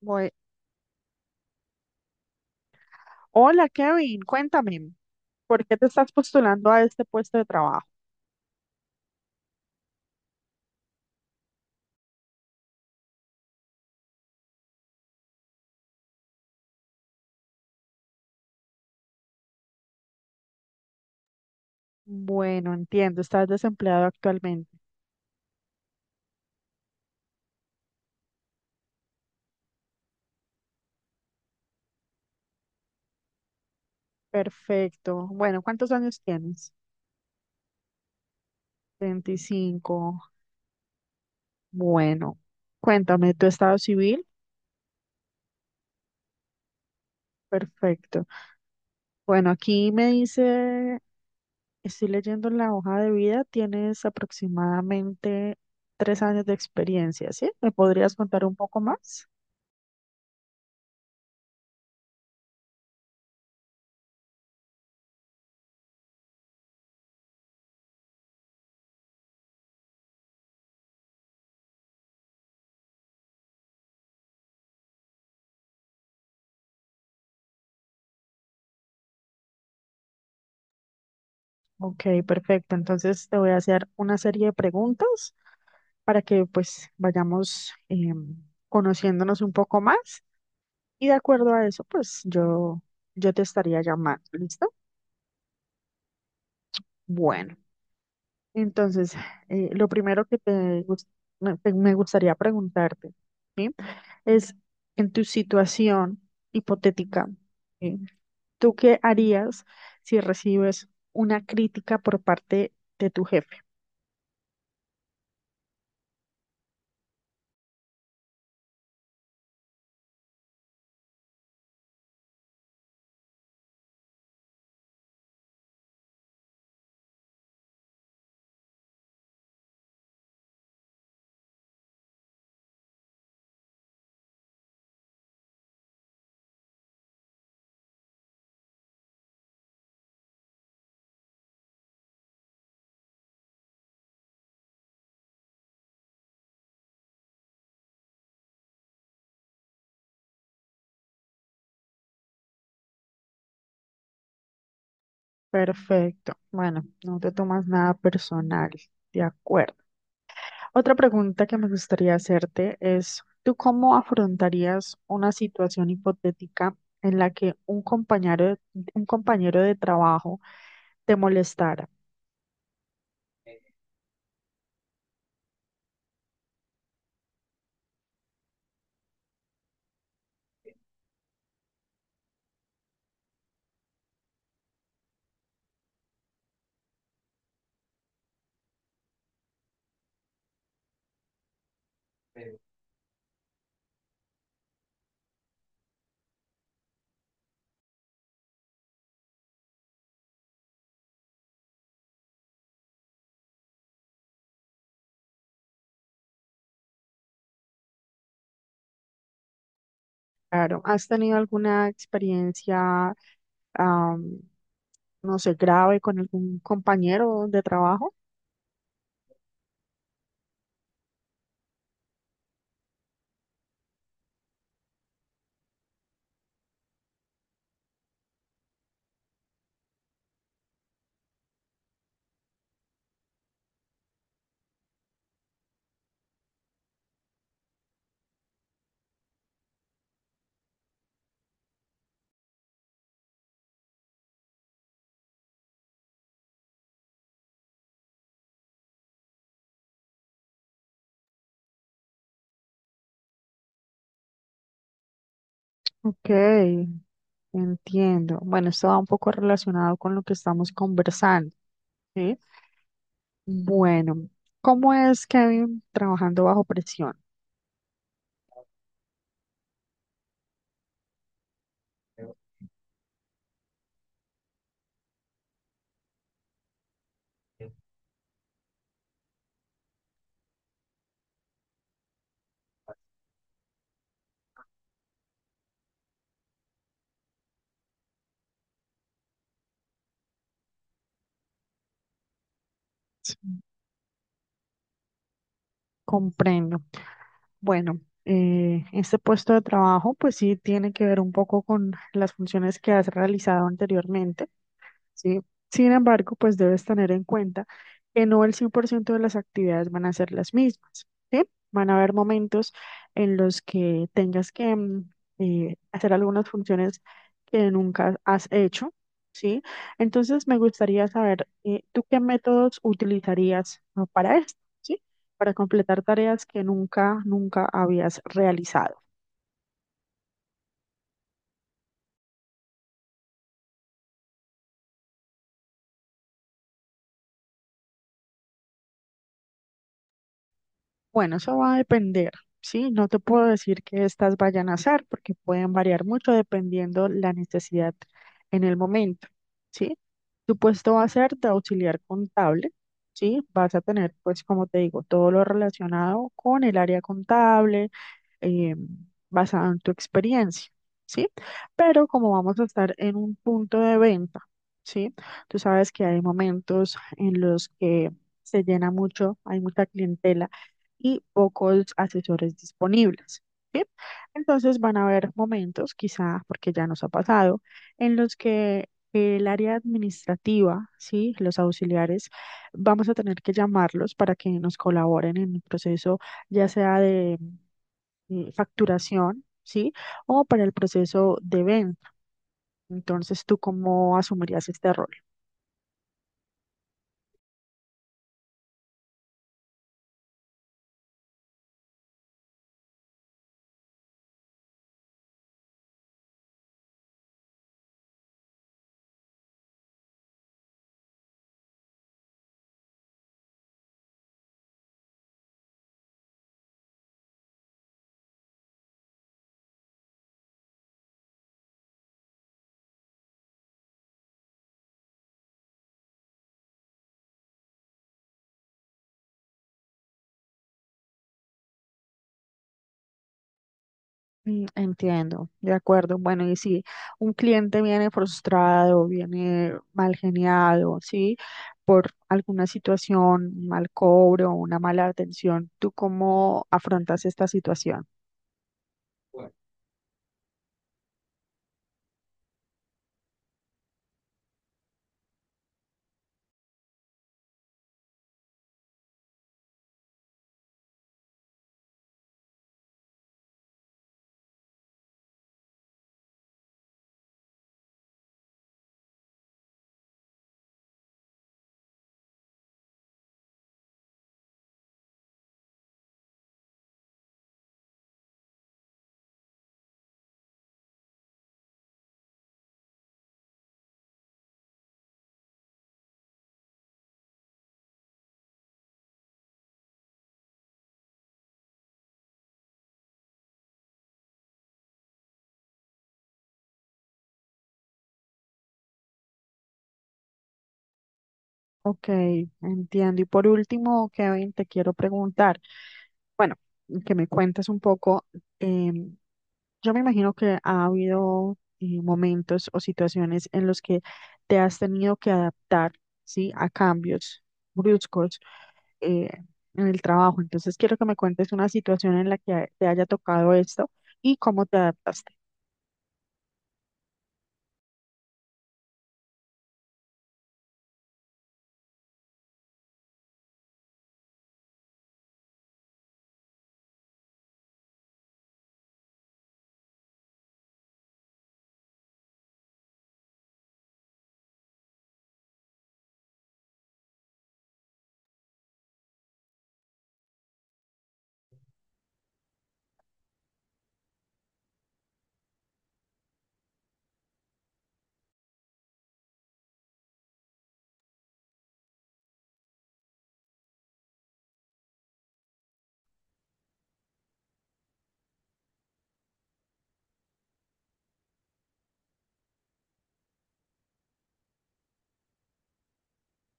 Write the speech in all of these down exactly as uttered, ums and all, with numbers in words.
Bue- Hola Kevin, cuéntame, ¿por qué te estás postulando a este puesto de trabajo? Bueno, entiendo, estás desempleado actualmente. Perfecto. Bueno, ¿cuántos años tienes? Veinticinco. Bueno, cuéntame, ¿tu estado civil? Perfecto. Bueno, aquí me dice, estoy leyendo la hoja de vida, tienes aproximadamente tres años de experiencia, ¿sí? ¿Me podrías contar un poco más? Ok, perfecto. Entonces te voy a hacer una serie de preguntas para que pues vayamos em, conociéndonos un poco más y de acuerdo a eso pues yo, yo te estaría llamando, ¿listo? Bueno, entonces eh, lo primero que te, gus- me te- me gustaría preguntarte, ¿sí? Es en tu situación hipotética, ¿sí? ¿Tú qué harías si recibes una crítica por parte de tu jefe? Perfecto. Bueno, no te tomas nada personal. De acuerdo. Otra pregunta que me gustaría hacerte es, ¿tú cómo afrontarías una situación hipotética en la que un compañero, un compañero de trabajo te molestara? Claro, ¿has tenido alguna experiencia, am, no sé, grave con algún compañero de trabajo? Ok, entiendo. Bueno, esto va un poco relacionado con lo que estamos conversando, ¿sí? Bueno, ¿cómo es Kevin trabajando bajo presión? Comprendo. Bueno, eh, este puesto de trabajo pues sí tiene que ver un poco con las funciones que has realizado anteriormente. ¿Sí? Sin embargo, pues debes tener en cuenta que no el cien por ciento de las actividades van a ser las mismas, ¿sí? Van a haber momentos en los que tengas que mm, eh, hacer algunas funciones que nunca has hecho, ¿sí? Entonces, me gustaría saber, eh, ¿tú qué métodos utilizarías ah, para esto, ¿sí? Para completar tareas que nunca, nunca habías realizado. Bueno, eso va a depender, ¿sí? No te puedo decir que estas vayan a hacer porque pueden variar mucho dependiendo la necesidad en el momento, ¿sí? Tu puesto va a ser de auxiliar contable, ¿sí? Vas a tener, pues, como te digo, todo lo relacionado con el área contable, eh, basado en tu experiencia, ¿sí? Pero como vamos a estar en un punto de venta, ¿sí? Tú sabes que hay momentos en los que se llena mucho, hay mucha clientela y pocos asesores disponibles. ¿Sí? Entonces van a haber momentos, quizá porque ya nos ha pasado, en los que el área administrativa, ¿sí? Los auxiliares, vamos a tener que llamarlos para que nos colaboren en el proceso ya sea de mm, facturación, ¿sí? O para el proceso de venta. Entonces, ¿tú cómo asumirías este rol? Mm, entiendo, de acuerdo. Bueno, y si un cliente viene frustrado, viene mal geniado, ¿sí? Por alguna situación, un mal cobro, una mala atención, ¿tú cómo afrontas esta situación? Ok, entiendo. Y por último, Kevin, te quiero preguntar, bueno, que me cuentes un poco, em, yo me imagino que ha habido eh, momentos o situaciones en los que te has tenido que adaptar, ¿sí? A cambios bruscos eh, en el trabajo. Entonces, quiero que me cuentes una situación en la que te haya tocado esto y cómo te adaptaste,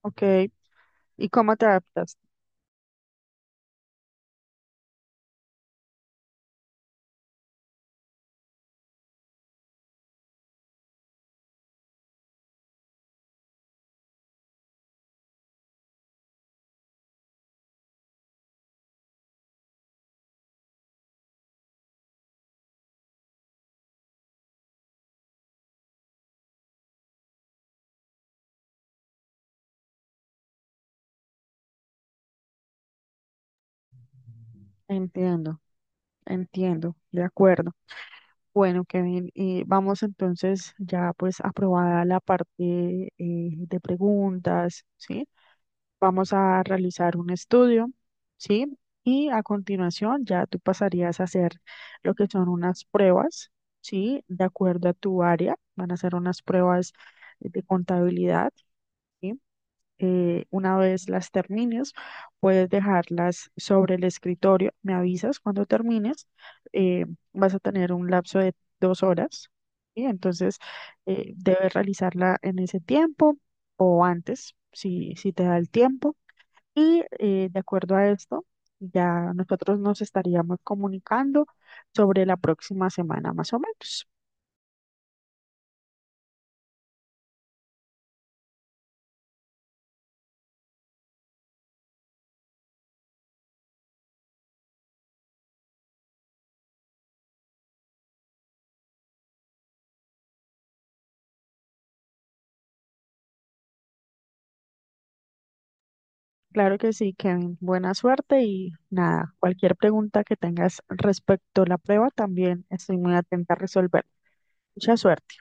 ¿ok? ¿Y cómo te adaptaste? Entiendo, entiendo, de acuerdo. Bueno, Kevin, eh, vamos entonces ya pues aprobada la parte eh, de preguntas, ¿sí? Vamos a realizar un estudio, ¿sí? Y a continuación ya tú pasarías a hacer lo que son unas pruebas, ¿sí? De acuerdo a tu área, van a ser unas pruebas de contabilidad, ¿sí? eh, una vez las termines, puedes dejarlas sobre el escritorio. Me avisas cuando termines. eh, Vas a tener un lapso de dos horas. ¿Sí? Entonces, eh, debes realizarla en ese tiempo o antes, si, si te da el tiempo. Y eh, de acuerdo a esto, ya nosotros nos estaríamos comunicando sobre la próxima semana, más o menos. Claro que sí, Kevin. Buena suerte y nada, cualquier pregunta que tengas respecto a la prueba también estoy muy atenta a resolver. Mucha suerte.